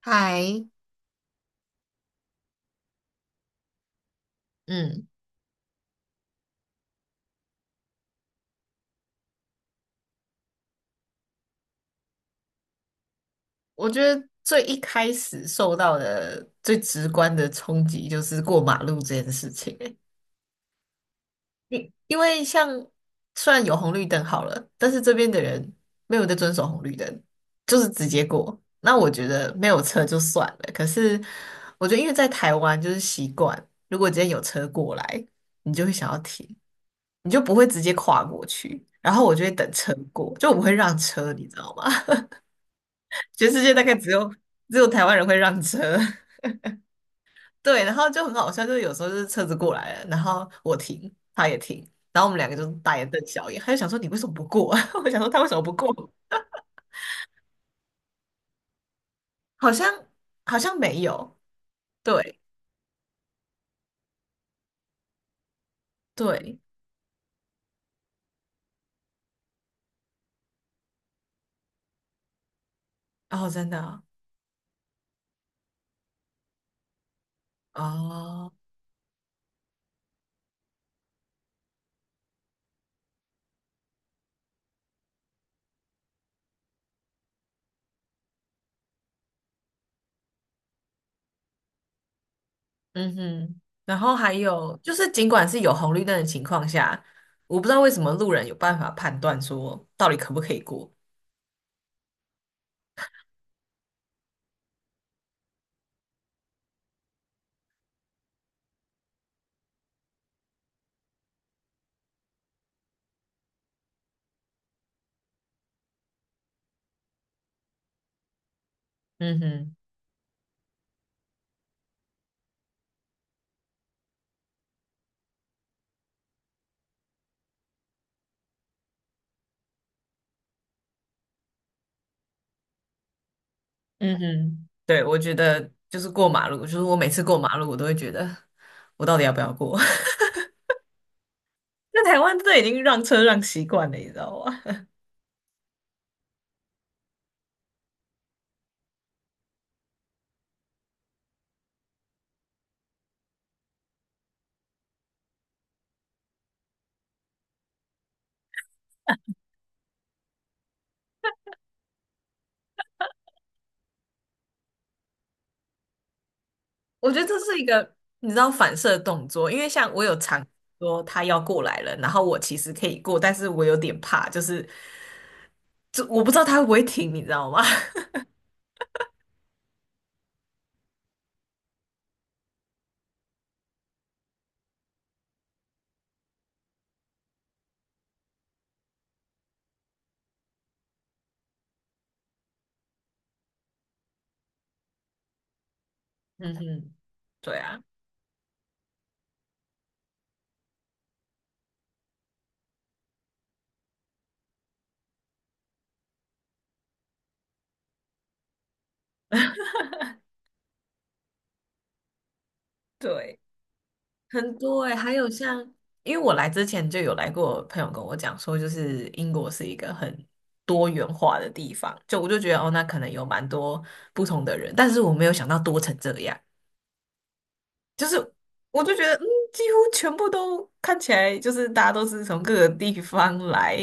嗨，嗯，我觉得最一开始受到的最直观的冲击就是过马路这件事情欸。 因为像虽然有红绿灯好了，但是这边的人没有在遵守红绿灯，就是直接过。那我觉得没有车就算了，可是我觉得因为在台湾就是习惯，如果今天有车过来，你就会想要停，你就不会直接跨过去，然后我就会等车过，就我不会让车，你知道吗？全世界大概只有台湾人会让车。对，然后就很好笑，就是有时候就是车子过来了，然后我停，他也停，然后我们两个就大眼瞪小眼，他就想说你为什么不过啊？我想说他为什么不过？好像好像没有。对对。哦，真的啊。哦。嗯哼，然后还有就是，尽管是有红绿灯的情况下，我不知道为什么路人有办法判断说到底可不可以过。嗯哼。嗯哼，对，我觉得就是过马路，就是我每次过马路，我都会觉得我到底要不要过？那台湾这已经让车让习惯了，你知道吗？我觉得这是一个你知道反射动作，因为像我有常说他要过来了，然后我其实可以过，但是我有点怕，就是就我不知道他会不会停，你知道吗？嗯哼。对啊。对。很多哎、还有像，因为我来之前就有来过，朋友跟我讲说，就是英国是一个很多元化的地方，就我就觉得哦，那可能有蛮多不同的人，但是我没有想到多成这样。就是我就觉得，嗯，几乎全部都看起来就是大家都是从各个地方来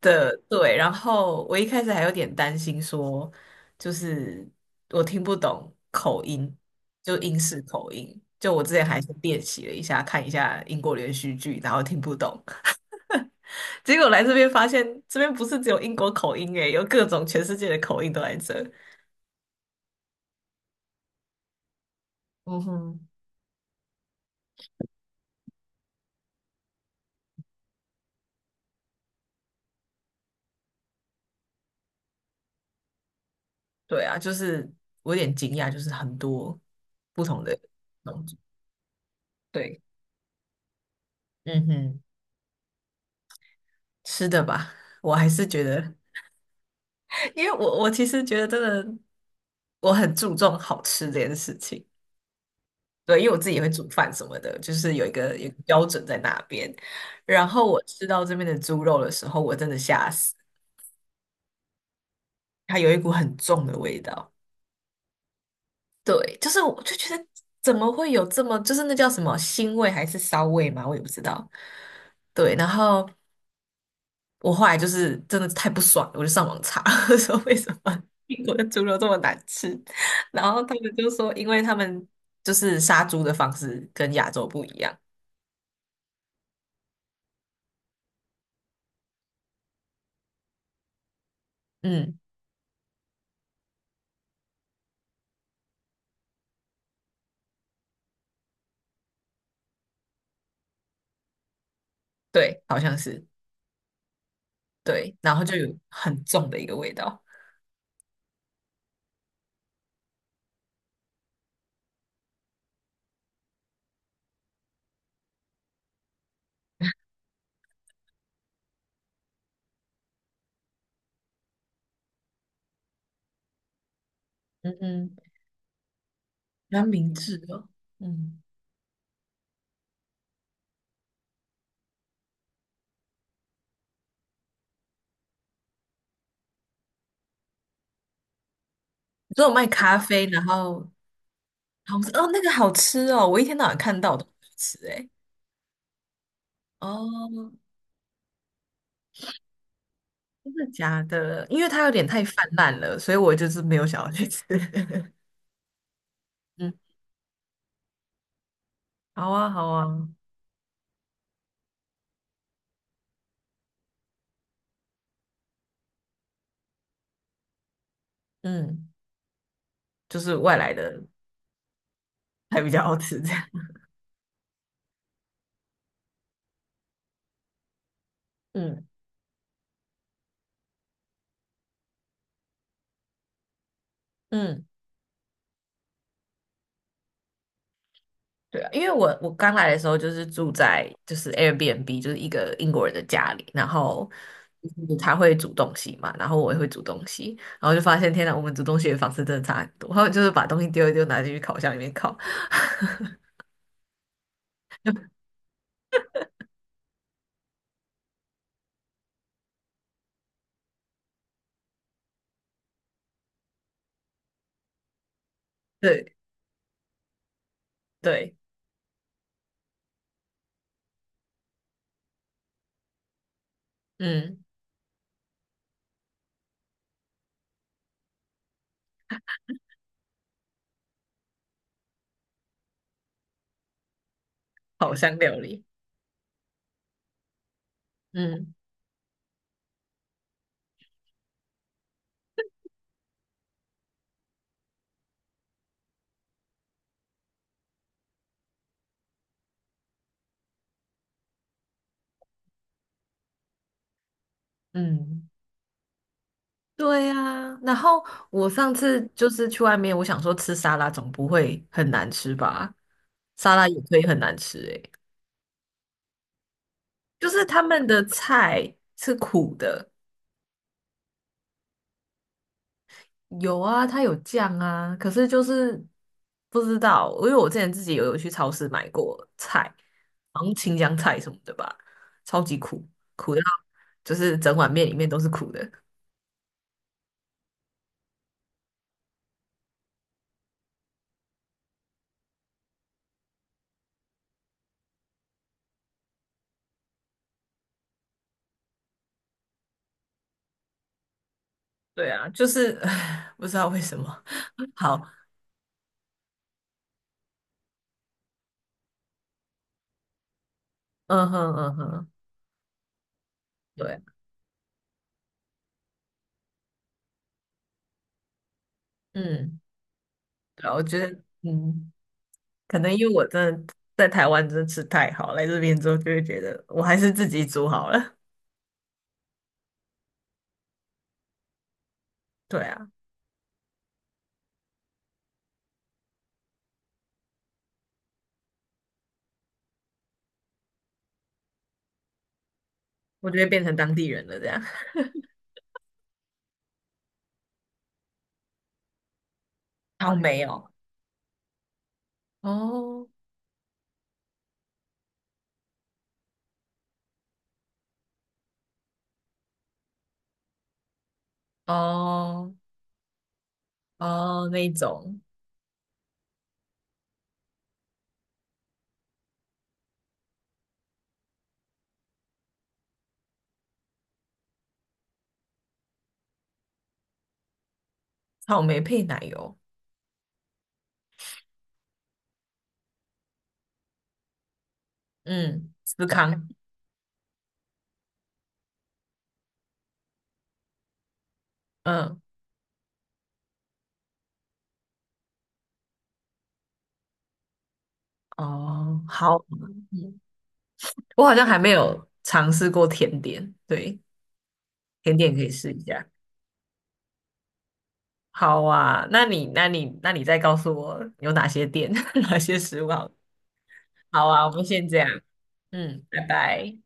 的，对。然后我一开始还有点担心说，就是我听不懂口音，就英式口音。就我之前还是练习了一下，看一下英国连续剧，然后听不懂。结果来这边发现，这边不是只有英国口音诶，有各种全世界的口音都在这。嗯哼，对啊，就是我有点惊讶，就是很多不同的种族。对。嗯哼。吃的吧，我还是觉得，因为我其实觉得真的，我很注重好吃这件事情。对，因为我自己也会煮饭什么的，就是有一个标准在那边。然后我吃到这边的猪肉的时候，我真的吓死，它有一股很重的味道。对，就是我就觉得怎么会有这么，就是那叫什么腥味还是骚味嘛，我也不知道。对，然后，我后来就是真的太不爽了，我就上网查 说为什么英国的猪肉这么难吃，然后他们就说，因为他们就是杀猪的方式跟亚洲不一样。嗯。对，好像是。对，然后就有很重的一个味道。嗯嗯。比较明智哦。嗯。你说有卖咖啡，然后好像哦，那个好吃哦，我一天到晚看到我都吃诶。哦，真的假的？因为它有点太泛滥了，所以我就是没有想要去吃。嗯。好啊，好啊。嗯，就是外来的还比较好吃这样。嗯嗯。对啊，因为我刚来的时候就是住在 Airbnb，就是一个英国人的家里，然后就是他会煮东西嘛，然后我也会煮东西，然后就发现天呐，我们煮东西的方式真的差很多。然后就是把东西丢一丢，拿进去烤箱里面烤。对。对。嗯，烤箱料理。嗯嗯。对呀、然后我上次就是去外面，我想说吃沙拉总不会很难吃吧？沙拉也可以很难吃诶、就是他们的菜是苦的。有啊，它有酱啊，可是就是不知道。因为我之前自己有去超市买过菜，好像青江菜什么的吧，超级苦，苦到就是整碗面里面都是苦的。对啊，就是 不知道为什么。好。嗯哼嗯哼。对啊。嗯。对啊我觉得，嗯，可能因为我真的在台湾真的吃太好，来这边之后就会觉得我还是自己煮好了。对啊，我就会变成当地人了这样。草莓哦。哦哦哦，那一种草莓配奶油。嗯，司康。嗯。哦，好。嗯，我好像还没有尝试过甜点，对，甜点可以试一下。好啊，那你再告诉我有哪些店，哪些食物好。好啊，我们先这样。嗯，拜拜。